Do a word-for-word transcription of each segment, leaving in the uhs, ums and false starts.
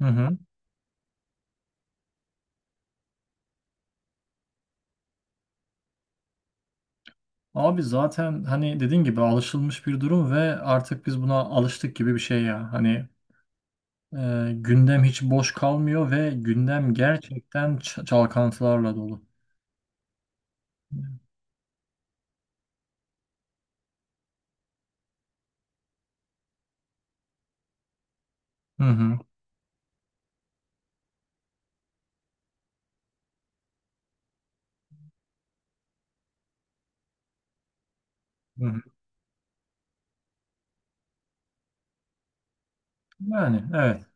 Hı hı. Abi zaten hani dediğin gibi alışılmış bir durum ve artık biz buna alıştık gibi bir şey ya. Hani e, gündem hiç boş kalmıyor ve gündem gerçekten ç- çalkantılarla dolu. Hı hı. Hı hı. Yani, evet.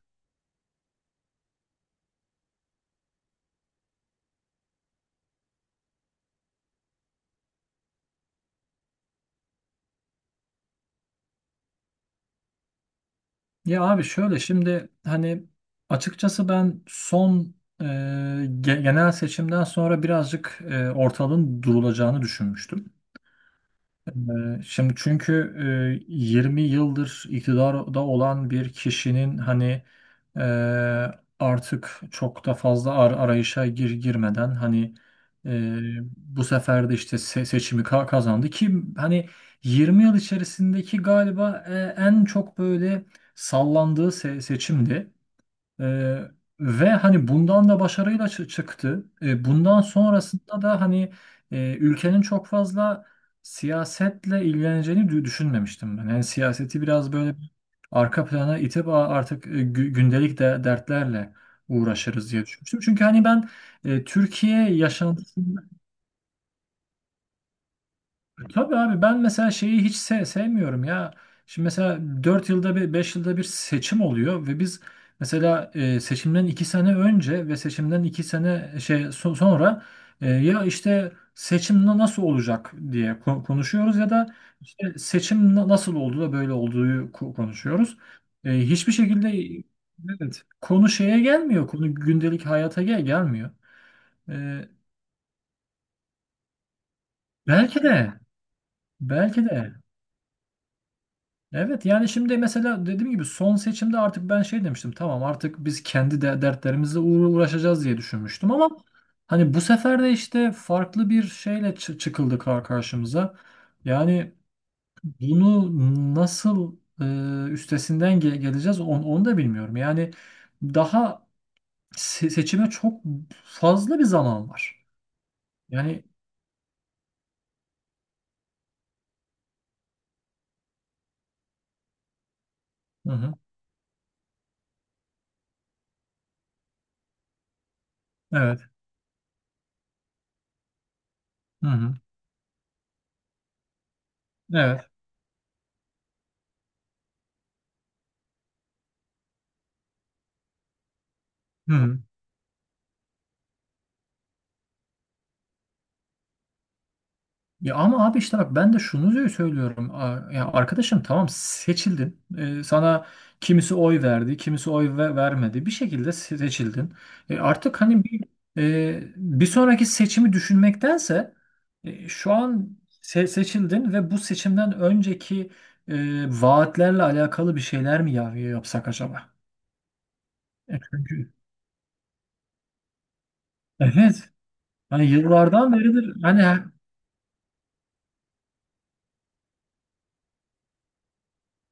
Ya abi şöyle şimdi hani açıkçası ben son e, ge- genel seçimden sonra birazcık e, ortalığın durulacağını düşünmüştüm. Ee, Şimdi çünkü e, yirmi yıldır iktidarda olan bir kişinin hani e, artık çok da fazla ar- arayışa gir girmeden hani e, bu sefer de işte se- seçimi ka- kazandı ki hani yirmi yıl içerisindeki galiba e, en çok böyle sallandığı se- seçimdi. Ee, ve hani bundan da başarıyla çı- çıktı. Ee, bundan sonrasında da hani e, ülkenin çok fazla siyasetle ilgileneceğini dü- düşünmemiştim ben. Yani siyaseti biraz böyle arka plana itip "Aa, artık e, gü- gündelik de dertlerle uğraşırız" diye düşünmüştüm. Çünkü hani ben e, Türkiye yaşantısı. Tabii abi ben mesela şeyi hiç se- sevmiyorum ya. Şimdi mesela dört yılda bir, beş yılda bir seçim oluyor ve biz mesela e, seçimden iki sene önce ve seçimden iki sene e, şey so- sonra e, ya işte seçim na- nasıl olacak diye ko- konuşuyoruz ya da işte seçim na- nasıl oldu da böyle olduğu ko- konuşuyoruz. E, hiçbir şekilde, evet, konu şeye gelmiyor. Konu gündelik hayata gel gelmiyor. E, belki de belki de evet, yani şimdi mesela dediğim gibi son seçimde artık ben şey demiştim, tamam artık biz kendi de dertlerimizle uğra- uğraşacağız diye düşünmüştüm ama hani bu sefer de işte farklı bir şeyle çı- çıkıldı kar- karşımıza. Yani bunu nasıl e, üstesinden ge- geleceğiz on- onu da bilmiyorum. Yani daha se- seçime çok fazla bir zaman var. Yani. Hı hı. Evet. Hı hı. Evet. Hı hı. Ya ama abi işte bak ben de şunu söylüyorum. A- Ya arkadaşım, tamam seçildin. Ee, sana kimisi oy verdi, kimisi oy ve- vermedi. Bir şekilde se- seçildin. E, artık hani bir e, bir sonraki seçimi düşünmektense e, şu an se- seçildin ve bu seçimden önceki e, vaatlerle alakalı bir şeyler mi ya yapsak acaba? E, çünkü evet. Hani yıllardan beridir hani.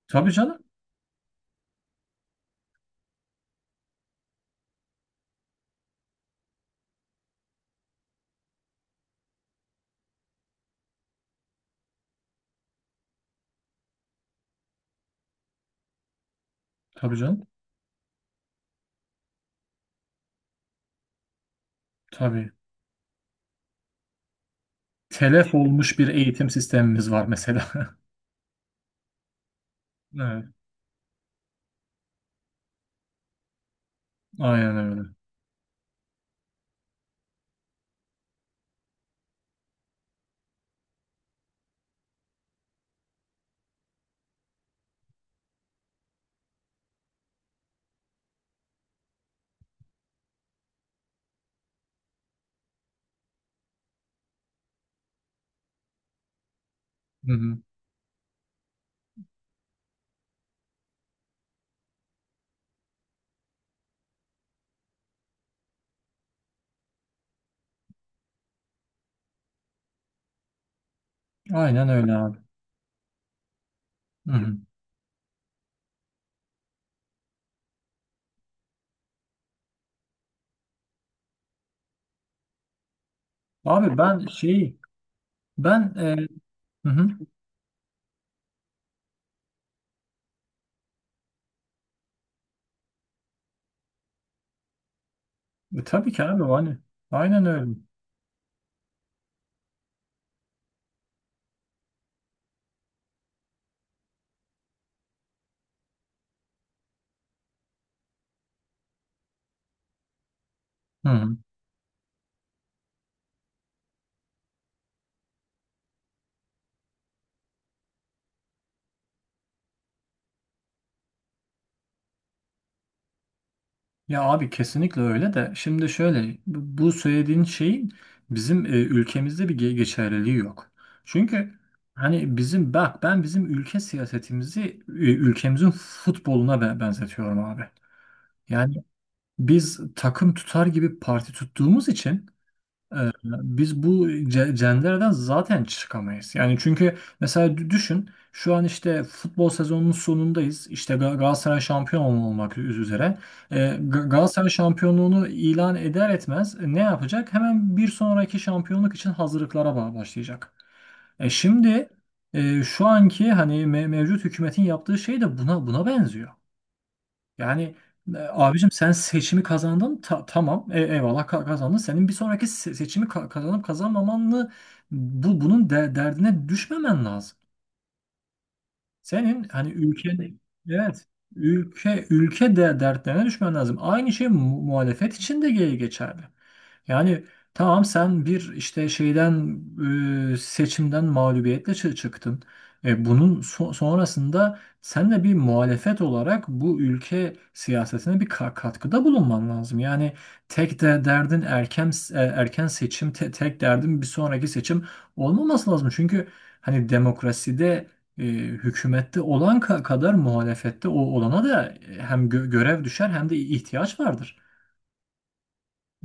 Tabii canım. Tabii canım. Tabii. Telef olmuş bir eğitim sistemimiz var mesela. Evet, aynen öyle. Hı hı. Aynen öyle abi. Hı hı. Abi ben şey, ben, e, hı hı. E, tabii ki abi hani, aynen öyle. Hı hı. Ya abi kesinlikle öyle de şimdi şöyle bu bu söylediğin şeyin bizim e, ülkemizde bir ge- geçerliliği yok. Çünkü hani bizim, bak, ben bizim ülke siyasetimizi e, ülkemizin futboluna be- benzetiyorum abi. Yani biz takım tutar gibi parti tuttuğumuz için e, biz bu ce- cendereden zaten çıkamayız. Yani çünkü mesela dü- düşün, şu an işte futbol sezonunun sonundayız. İşte Ga- Galatasaray şampiyon olmak üz- üzere. Ee, Ga- Galatasaray şampiyonluğunu ilan eder etmez e, ne yapacak? Hemen bir sonraki şampiyonluk için hazırlıklara ba- başlayacak. E şimdi e, şu anki hani me- mevcut hükümetin yaptığı şey de buna buna benziyor. Yani e, abicim, sen seçimi kazandın, ta- tamam, e- eyvallah, ka- kazandın. Senin bir sonraki se- seçimi ka- kazanıp kazanmamanı, bu bunun de- derdine düşmemen lazım. Senin hani ülkenin, evet, ülke ülke de dertlerine düşmen lazım. Aynı şey mu- muhalefet için de ge- geçerli. Yani tamam, sen bir işte şeyden, e, seçimden mağlubiyetle çı- çıktın. E, bunun so- sonrasında sen de bir muhalefet olarak bu ülke siyasetine bir ka- katkıda bulunman lazım. Yani tek de derdin erken, e, erken seçim, te- tek derdin bir sonraki seçim olmaması lazım. Çünkü hani demokraside e, hükümette olan ka- kadar muhalefette o olana da hem gö- görev düşer hem de ihtiyaç vardır.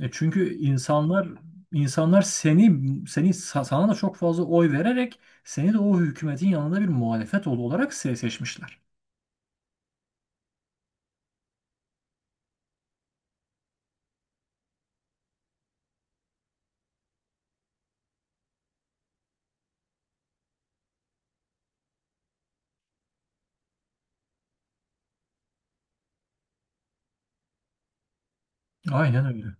E çünkü insanlar, insanlar seni seni sa- sana da çok fazla oy vererek seni de o hükümetin yanında bir muhalefet oğlu olarak se- seçmişler. Aynen öyle.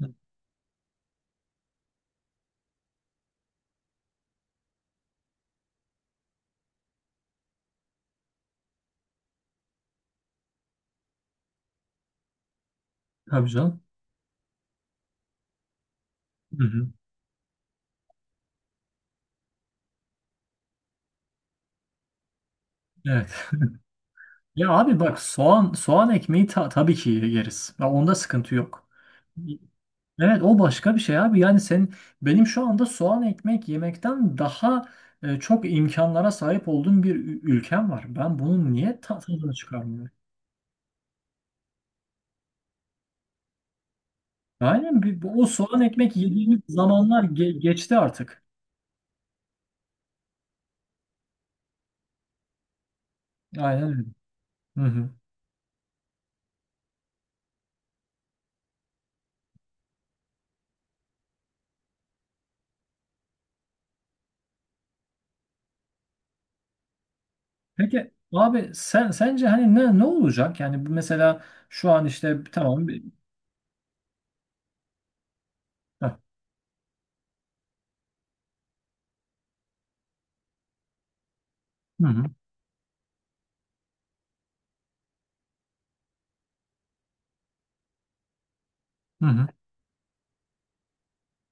Hı. Tabii canım. Hı hı. Evet. Ya abi bak, soğan soğan ekmeği ta- tabii ki yeriz. Ya onda sıkıntı yok. Evet, o başka bir şey abi. Yani sen, benim şu anda soğan ekmek yemekten daha e, çok imkanlara sahip olduğum bir ü- ülkem var. Ben bunun niye ta- tadını çıkarmıyorum? Aynen, bir- bu- o soğan ekmek yediğimiz zamanlar ge- geçti artık. Aynen öyle. Hı hı. Peki abi, sen sence hani ne ne olacak? Yani bu mesela şu an işte tamam bir... Heh. Hı hı. Hı hı.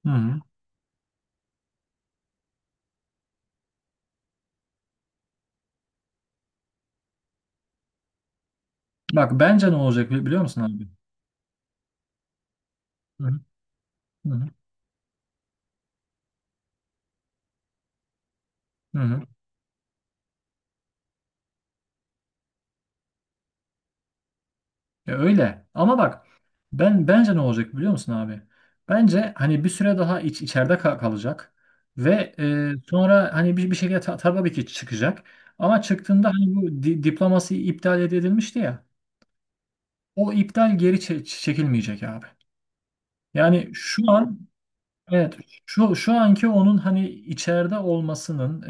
Hı hı. Bak bence ne olacak bili- biliyor musun abi? Hı hı. Hı hı. Hı hı. Ya öyle. Ama bak, ben bence ne olacak biliyor musun abi? Bence hani bir süre daha iç, içeride ka- kalacak ve e, sonra hani bir, bir şekilde ta, tabii ki çıkacak. Ama çıktığında hani bu di- diploması iptal ed- edilmişti ya. O iptal geri çe- çekilmeyecek abi. Yani şu an, evet, şu şu anki onun hani içeride olmasının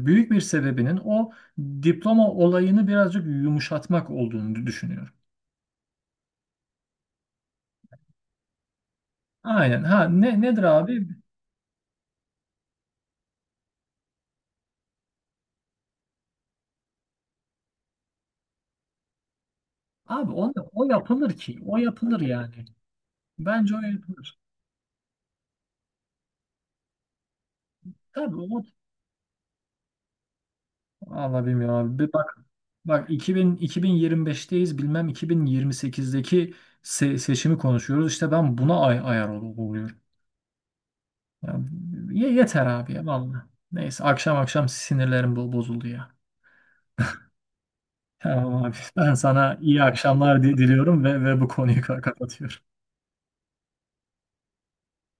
e, büyük bir sebebinin o diploma olayını birazcık yumuşatmak olduğunu düşünüyorum. Aynen. Ha, ne nedir abi? Abi o, o yapılır ki. O yapılır yani. Bence o yapılır. Tabii o, Allah bilmiyorum abi. Bir bak bak iki bin iki bin yirmi beşteyiz. Bilmem iki bin yirmi sekizdeki se- seçimi konuşuyoruz. İşte ben buna ay ayar ol- oluyorum. Ya, ye- yeter abi ya, vallahi. Neyse, akşam akşam sinirlerim bo- bozuldu ya. Tamam abi. Ben sana iyi akşamlar di- diliyorum ve ve bu konuyu ka- kapatıyorum.